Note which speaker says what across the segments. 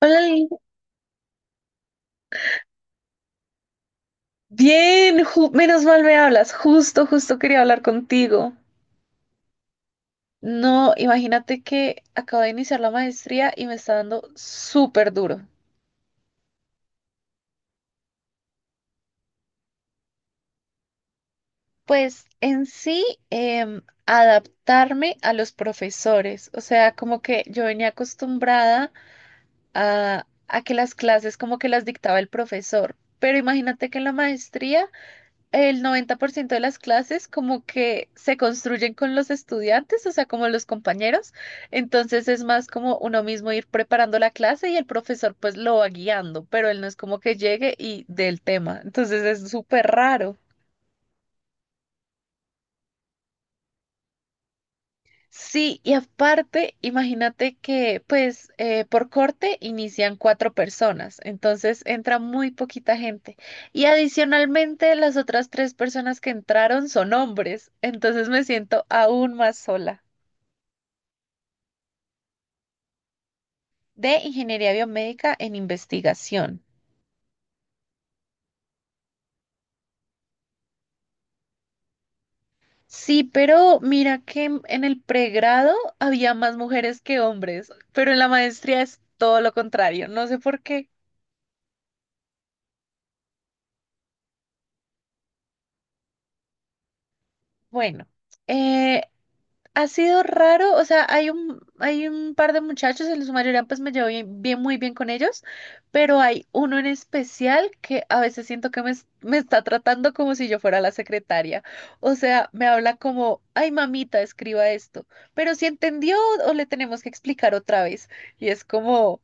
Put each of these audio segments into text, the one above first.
Speaker 1: Hola, menos mal me hablas, justo quería hablar contigo. No, imagínate que acabo de iniciar la maestría y me está dando súper duro. Pues en sí, adaptarme a los profesores, o sea, como que yo venía acostumbrada a que las clases como que las dictaba el profesor, pero imagínate que en la maestría el 90% de las clases como que se construyen con los estudiantes, o sea, como los compañeros. Entonces es más como uno mismo ir preparando la clase y el profesor pues lo va guiando, pero él no es como que llegue y dé el tema. Entonces es súper raro. Sí, y aparte, imagínate que pues por corte inician cuatro personas, entonces entra muy poquita gente. Y adicionalmente las otras tres personas que entraron son hombres, entonces me siento aún más sola. De ingeniería biomédica en investigación. Sí, pero mira que en el pregrado había más mujeres que hombres, pero en la maestría es todo lo contrario. No sé por qué. Bueno, eh, ha sido raro, o sea, hay un par de muchachos, en su mayoría pues me llevo bien, muy bien con ellos, pero hay uno en especial que a veces siento que me está tratando como si yo fuera la secretaria. O sea, me habla como, ay mamita, escriba esto, pero si entendió o le tenemos que explicar otra vez. Y es como,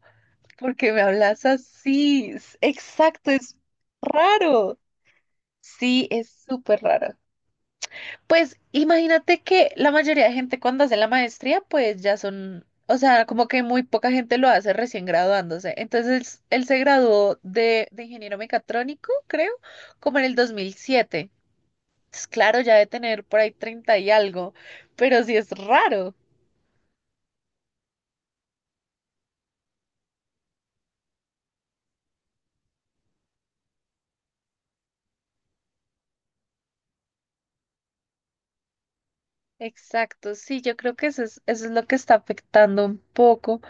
Speaker 1: ¿por qué me hablas así? Exacto, es raro. Sí, es súper raro. Pues imagínate que la mayoría de gente cuando hace la maestría, pues ya son, o sea, como que muy poca gente lo hace recién graduándose. Entonces, él se graduó de ingeniero mecatrónico, creo, como en el 2007. Entonces, claro, ya de tener por ahí 30 y algo, pero sí es raro. Exacto, sí, yo creo que eso es lo que está afectando un poco.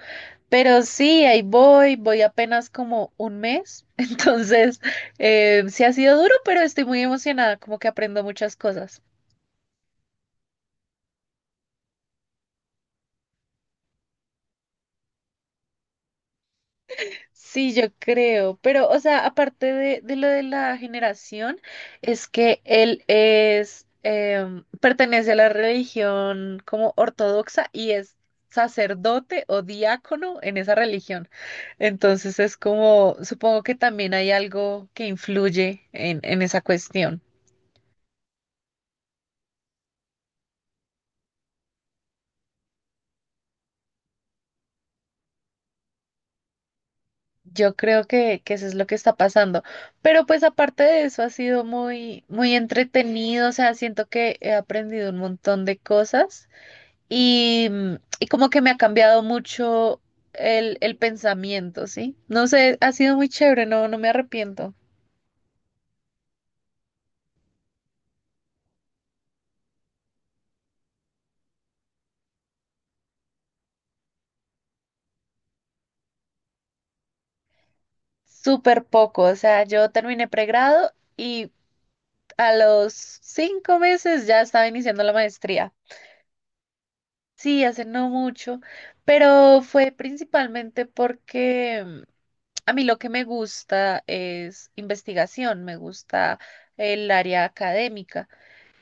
Speaker 1: Pero sí, ahí voy apenas como un mes, entonces sí ha sido duro, pero estoy muy emocionada, como que aprendo muchas cosas. Sí, yo creo, pero o sea, aparte de lo de la generación, es que él es, pertenece a la religión como ortodoxa y es sacerdote o diácono en esa religión. Entonces es como, supongo que también hay algo que influye en esa cuestión. Yo creo que eso es lo que está pasando. Pero pues aparte de eso ha sido muy, muy entretenido. O sea, siento que he aprendido un montón de cosas y, y como que me ha cambiado mucho el pensamiento, ¿sí? No sé, ha sido muy chévere, no, no me arrepiento. Súper poco. O sea, yo terminé pregrado y a los cinco meses ya estaba iniciando la maestría. Sí, hace no mucho, pero fue principalmente porque a mí lo que me gusta es investigación, me gusta el área académica.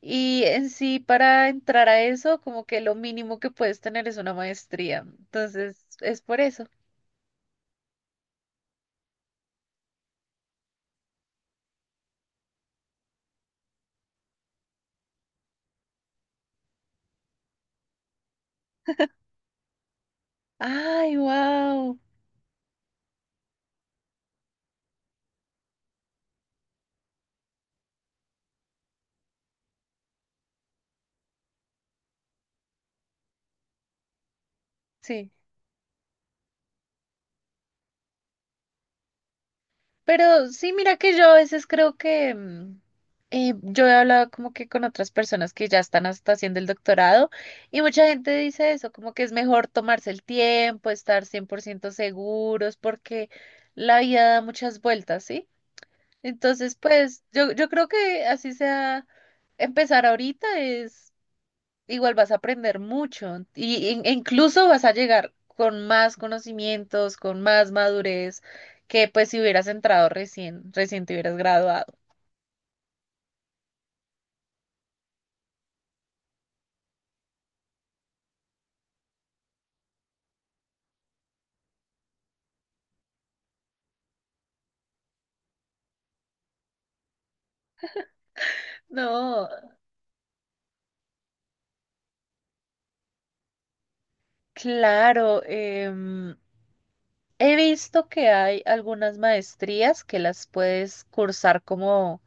Speaker 1: Y en sí, para entrar a eso, como que lo mínimo que puedes tener es una maestría. Entonces, es por eso. Ay, wow. Sí. Pero sí, mira que yo a veces creo que yo he hablado como que con otras personas que ya están hasta haciendo el doctorado y mucha gente dice eso, como que es mejor tomarse el tiempo, estar 100% seguros porque la vida da muchas vueltas, ¿sí? Entonces, pues yo creo que así sea, empezar ahorita es igual vas a aprender mucho y, e incluso vas a llegar con más conocimientos, con más madurez que pues si hubieras entrado recién te hubieras graduado. No, claro, he visto que hay algunas maestrías que las puedes cursar como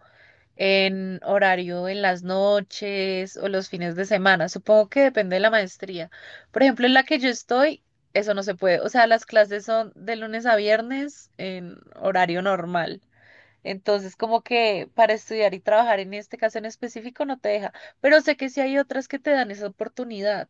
Speaker 1: en horario en las noches o los fines de semana. Supongo que depende de la maestría. Por ejemplo, en la que yo estoy, eso no se puede. O sea, las clases son de lunes a viernes en horario normal. Entonces, como que para estudiar y trabajar en este caso en específico no te deja. Pero sé que sí hay otras que te dan esa oportunidad.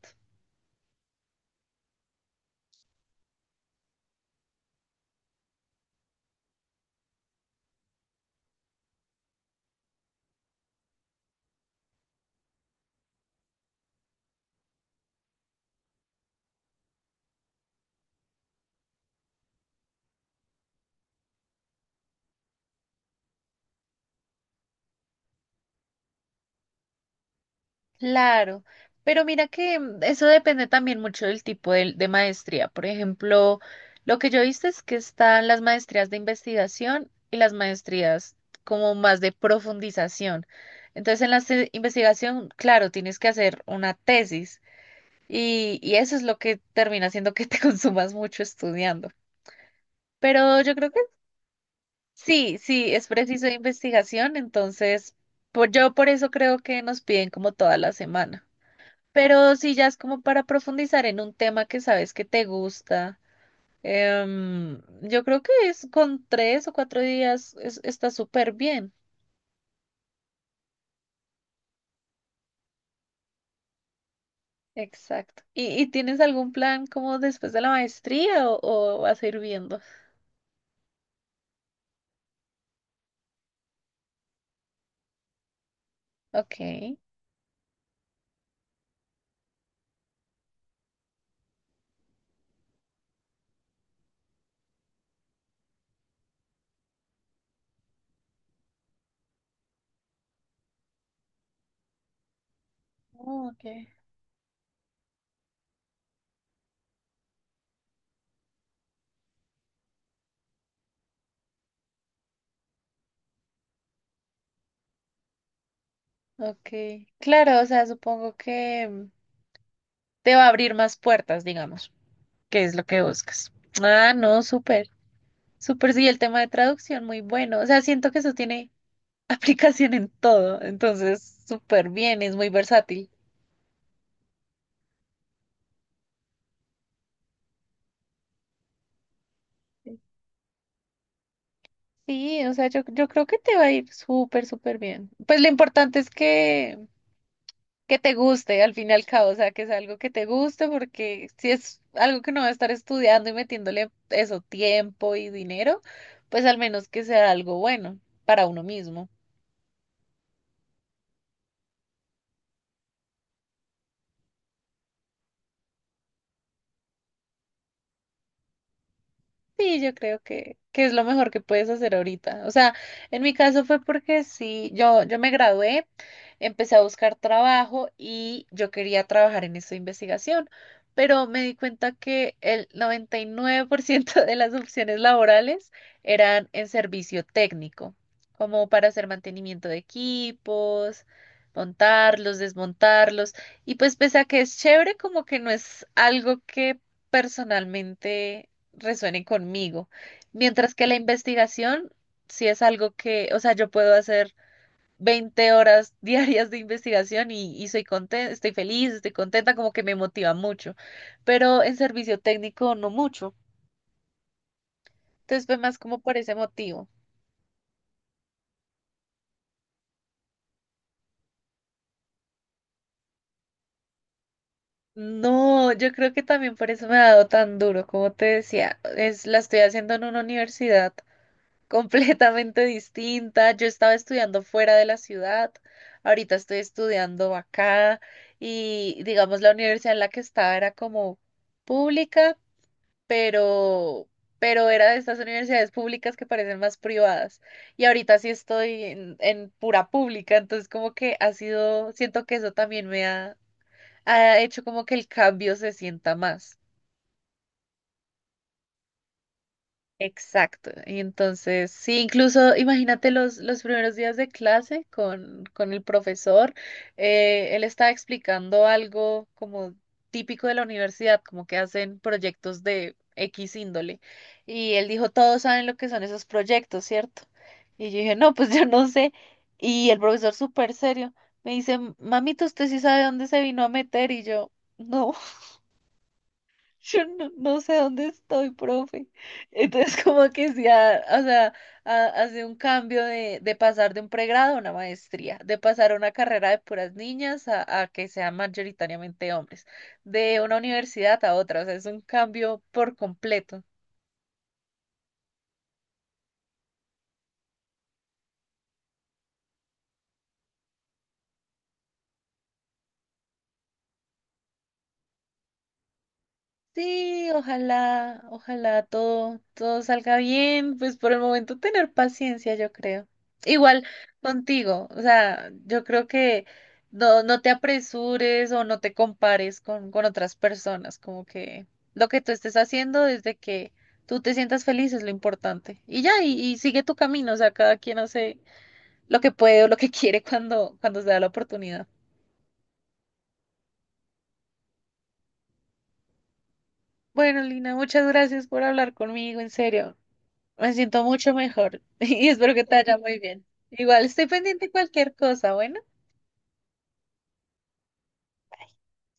Speaker 1: Claro, pero mira que eso depende también mucho del tipo de maestría. Por ejemplo, lo que yo viste es que están las maestrías de investigación y las maestrías como más de profundización. Entonces, en la investigación, claro, tienes que hacer una tesis y eso es lo que termina haciendo que te consumas mucho estudiando. Pero yo creo que sí, sí, es preciso de investigación, entonces yo por eso creo que nos piden como toda la semana. Pero si ya es como para profundizar en un tema que sabes que te gusta, yo creo que es con tres o cuatro días está súper bien. Exacto. Y tienes algún plan como después de la maestría o vas a ir viendo? Ok. Oh, ok. Ok. Claro, o sea, supongo que te va a abrir más puertas, digamos, que es lo que buscas. Ah, no, súper, súper, sí, el tema de traducción, muy bueno. O sea, siento que eso tiene aplicación en todo, entonces súper bien, es muy versátil. Sí, o sea, yo creo que te va a ir súper, súper bien. Pues lo importante es que te guste al fin y al cabo, o sea, que es algo que te guste, porque si es algo que no va a estar estudiando y metiéndole eso, tiempo y dinero, pues al menos que sea algo bueno para uno mismo. Sí, yo creo que es lo mejor que puedes hacer ahorita. O sea, en mi caso fue porque sí, yo me gradué, empecé a buscar trabajo y yo quería trabajar en esta investigación, pero me di cuenta que el 99% de las opciones laborales eran en servicio técnico, como para hacer mantenimiento de equipos, montarlos, desmontarlos. Y pues pese a que es chévere, como que no es algo que personalmente resuene conmigo. Mientras que la investigación sí es algo que, o sea, yo puedo hacer 20 horas diarias de investigación y soy contenta, estoy feliz, estoy contenta, como que me motiva mucho, pero en servicio técnico no mucho. Entonces fue más como por ese motivo. No, yo creo que también por eso me ha dado tan duro, como te decía, es la estoy haciendo en una universidad completamente distinta. Yo estaba estudiando fuera de la ciudad, ahorita estoy estudiando acá y digamos la universidad en la que estaba era como pública, pero era de estas universidades públicas que parecen más privadas. Y ahorita sí estoy en pura pública, entonces como que ha sido, siento que eso también me ha, ha hecho como que el cambio se sienta más. Exacto. Y entonces, sí, incluso imagínate los primeros días de clase con el profesor. Él estaba explicando algo como típico de la universidad, como que hacen proyectos de X índole. Y él dijo, todos saben lo que son esos proyectos, ¿cierto? Y yo dije, no, pues yo no sé. Y el profesor súper serio me dice, mamita, ¿usted sí sabe dónde se vino a meter? Y yo, no. Yo no sé dónde estoy, profe. Entonces, como que sí, o sea, hace un cambio de pasar de un pregrado a una maestría, de pasar a una carrera de puras niñas a que sean mayoritariamente hombres, de una universidad a otra, o sea, es un cambio por completo. Sí, ojalá, ojalá todo, todo salga bien, pues por el momento tener paciencia, yo creo. Igual contigo, o sea, yo creo que no, no te apresures o no te compares con otras personas, como que lo que tú estés haciendo desde que tú te sientas feliz es lo importante. Y sigue tu camino, o sea, cada quien hace lo que puede o lo que quiere cuando se da la oportunidad. Bueno, Lina, muchas gracias por hablar conmigo, en serio. Me siento mucho mejor y espero que te vaya muy bien. Igual estoy pendiente de cualquier cosa, bueno.